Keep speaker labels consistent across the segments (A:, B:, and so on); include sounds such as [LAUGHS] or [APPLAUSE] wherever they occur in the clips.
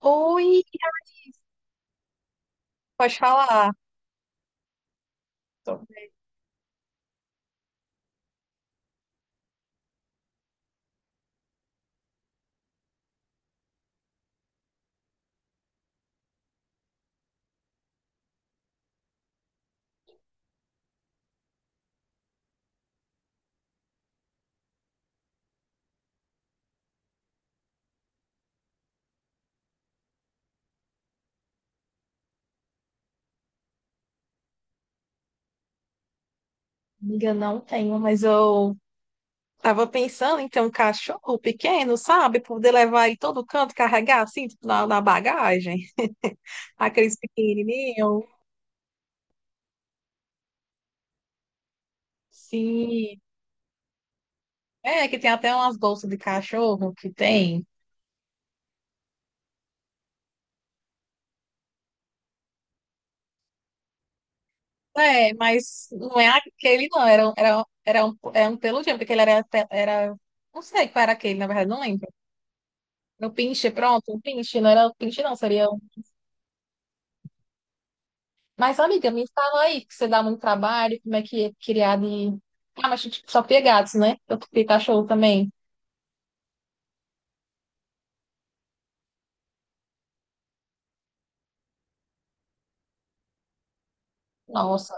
A: Oi, pode falar. Então, amiga, não tenho, mas eu tava pensando em ter um cachorro pequeno, sabe? Poder levar ele todo canto, carregar assim, tipo, na bagagem. Aqueles pequenininhos. Sim. É, que tem até umas bolsas de cachorro que tem. É, mas não é aquele, não. Era um peludinho, porque ele era, era. Não sei qual era aquele, na verdade, não lembro. Era o pinche, pronto, o pinche, não era o pinche, não, seria. Mas, amiga, me fala aí que você dá muito trabalho, como é que é criar de. Ah, mas tipo, só ter gatos, né? Eu ter cachorro também. Nossa,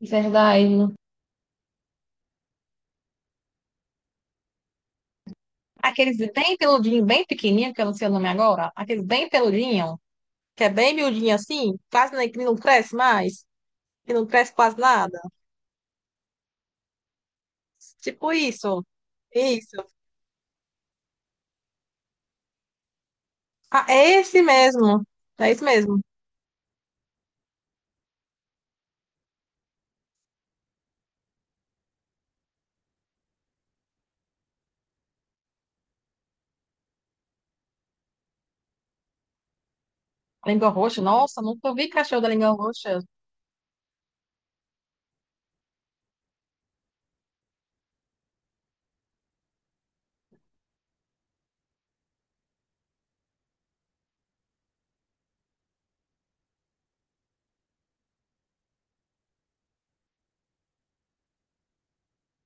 A: verdade. Aqueles bem peludinho, bem pequenininho, que eu não sei o nome agora. Aqueles bem peludinho, que é bem miudinho assim, quase nem, que não cresce mais, que não cresce quase nada. Tipo isso. Isso. Ah, é esse mesmo. É esse mesmo. Língua roxa. Nossa, nunca vi cachorro da língua roxa.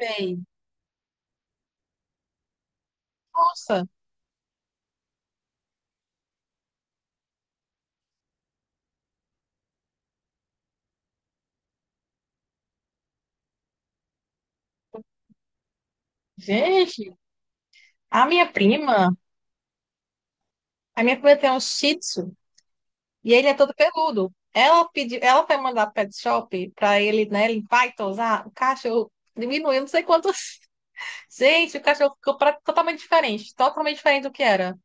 A: Sei. Nossa, gente, a minha prima. A minha filha tem um Shih Tzu e ele é todo peludo. Ela pediu, ela foi mandar pro pet shop para ele, né, limpar e tosar. O cachorro diminuiu, não sei quantos. [LAUGHS] Gente, o cachorro ficou totalmente diferente do que era.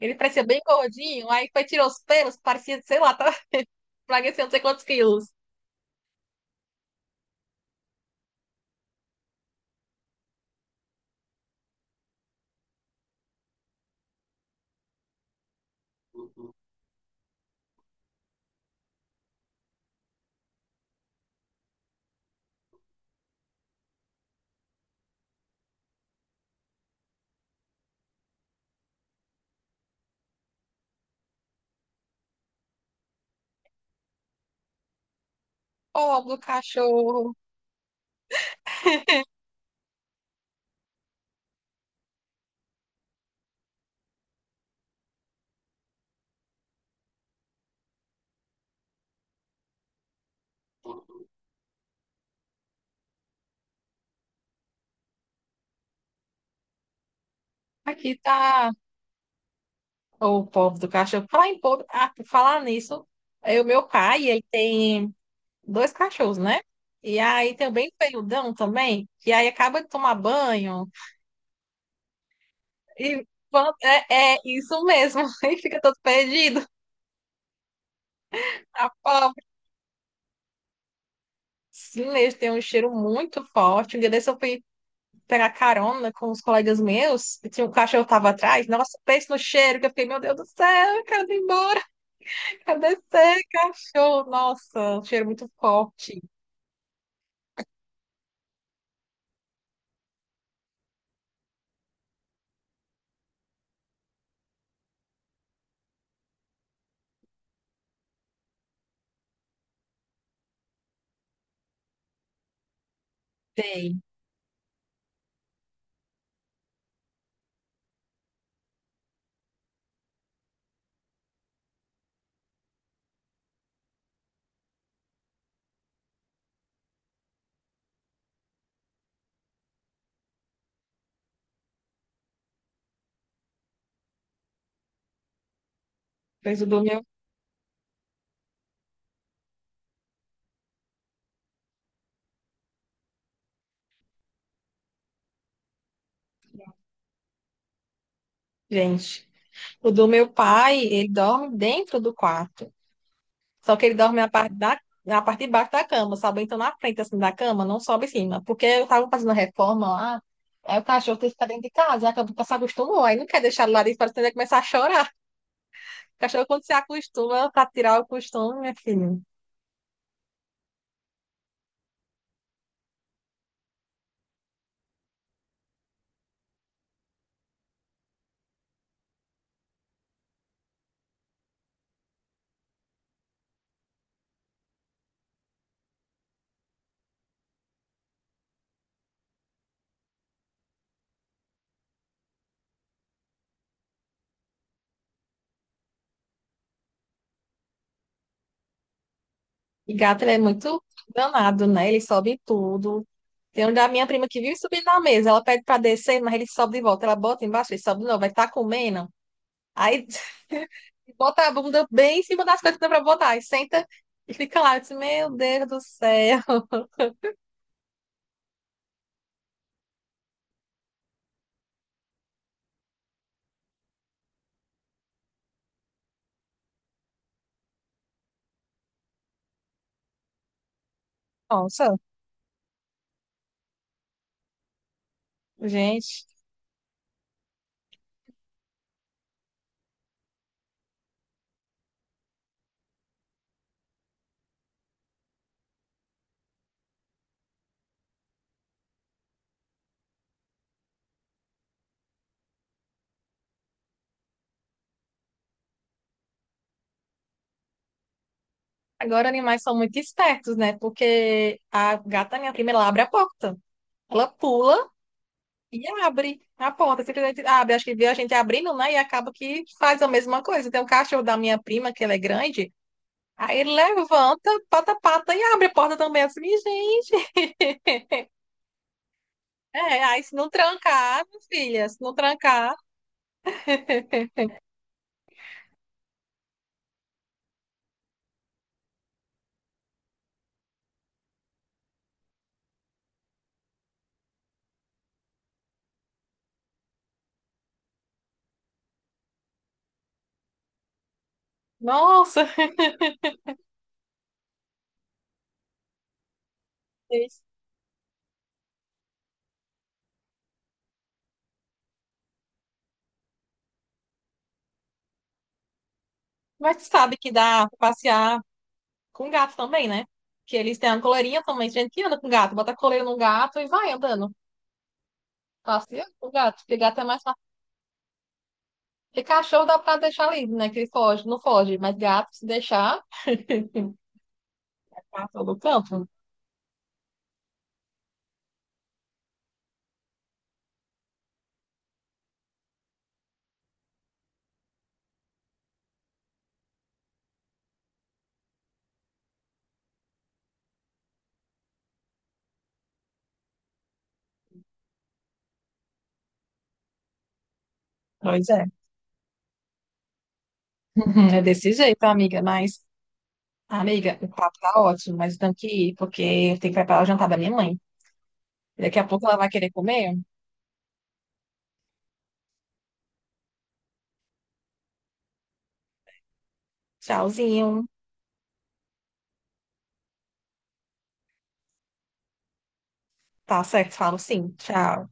A: Ele parecia bem gordinho, aí foi tirar os pelos, parecia, sei lá, tá [LAUGHS] emagrecendo não sei quantos quilos. Pobre do cachorro. Aqui tá. Ô, pobre do cachorro. Falar em pobre, ah, por falar nisso, é o meu pai, ele tem dois cachorros, né? E aí tem o bem feiudão também, que aí acaba de tomar banho e é, é isso mesmo, [LAUGHS] e fica todo perdido. A pobre. Sim, eles têm um cheiro muito forte. Um dia desse eu fui pegar carona com os colegas meus, e tinha um cachorro que tava atrás. Nossa, pensa no cheiro, que eu fiquei, meu Deus do céu, eu quero ir embora, eu quero descer, cachorro. Nossa, um cheiro muito forte. Tem. Mas o do meu, gente, o do meu pai, ele dorme dentro do quarto. Só que ele dorme na parte de baixo da cama, sabe? Então na frente assim da cama, não sobe em cima. Porque eu tava fazendo reforma lá, aí o cachorro tem que ficar dentro de casa, e acabou que se acostumou. Aí não quer deixar ele lá dentro, parece que ele vai começar a chorar. O cachorro, quando se acostuma, pra tirar o costume, minha filha. E gato, ele é muito danado, né? Ele sobe em tudo. Tem um da minha prima que vive subindo na mesa. Ela pede pra descer, mas ele sobe de volta. Ela bota embaixo, ele sobe de novo. Vai estar comendo. Aí e bota a bunda bem em cima das coisas que dá pra botar. E senta e fica lá. Eu disse, meu Deus do céu. [LAUGHS] Nossa, gente. Agora animais são muito espertos, né? Porque a gata, minha prima, ela abre a porta. Ela pula e abre a porta. Simplesmente abre. Acho que viu a gente abrindo, né? E acaba que faz a mesma coisa. Tem um cachorro da minha prima, que ele é grande. Aí ele levanta, pata a pata e abre a porta também. Eu disse, "Minha gente." [LAUGHS] É, aí se não trancar, minha filha, se não trancar, nossa. [LAUGHS] Mas tu sabe que dá pra passear com gato também, né? Que eles têm uma coleirinha também. Gente que anda com gato, bota a coleira no gato e vai andando. Passeia com gato, porque gato é mais fácil. Porque cachorro dá pra deixar livre, né? Que ele foge, não foge. Mas gato, se deixar, [LAUGHS] tá todo canto. Pois é. [LAUGHS] Uhum, é desse jeito, amiga. Mas, amiga, o papo tá ótimo, mas eu tenho que ir, porque eu tenho que preparar o jantar da minha mãe. Daqui a pouco ela vai querer comer. Tchauzinho. Tá certo, falo sim. Tchau.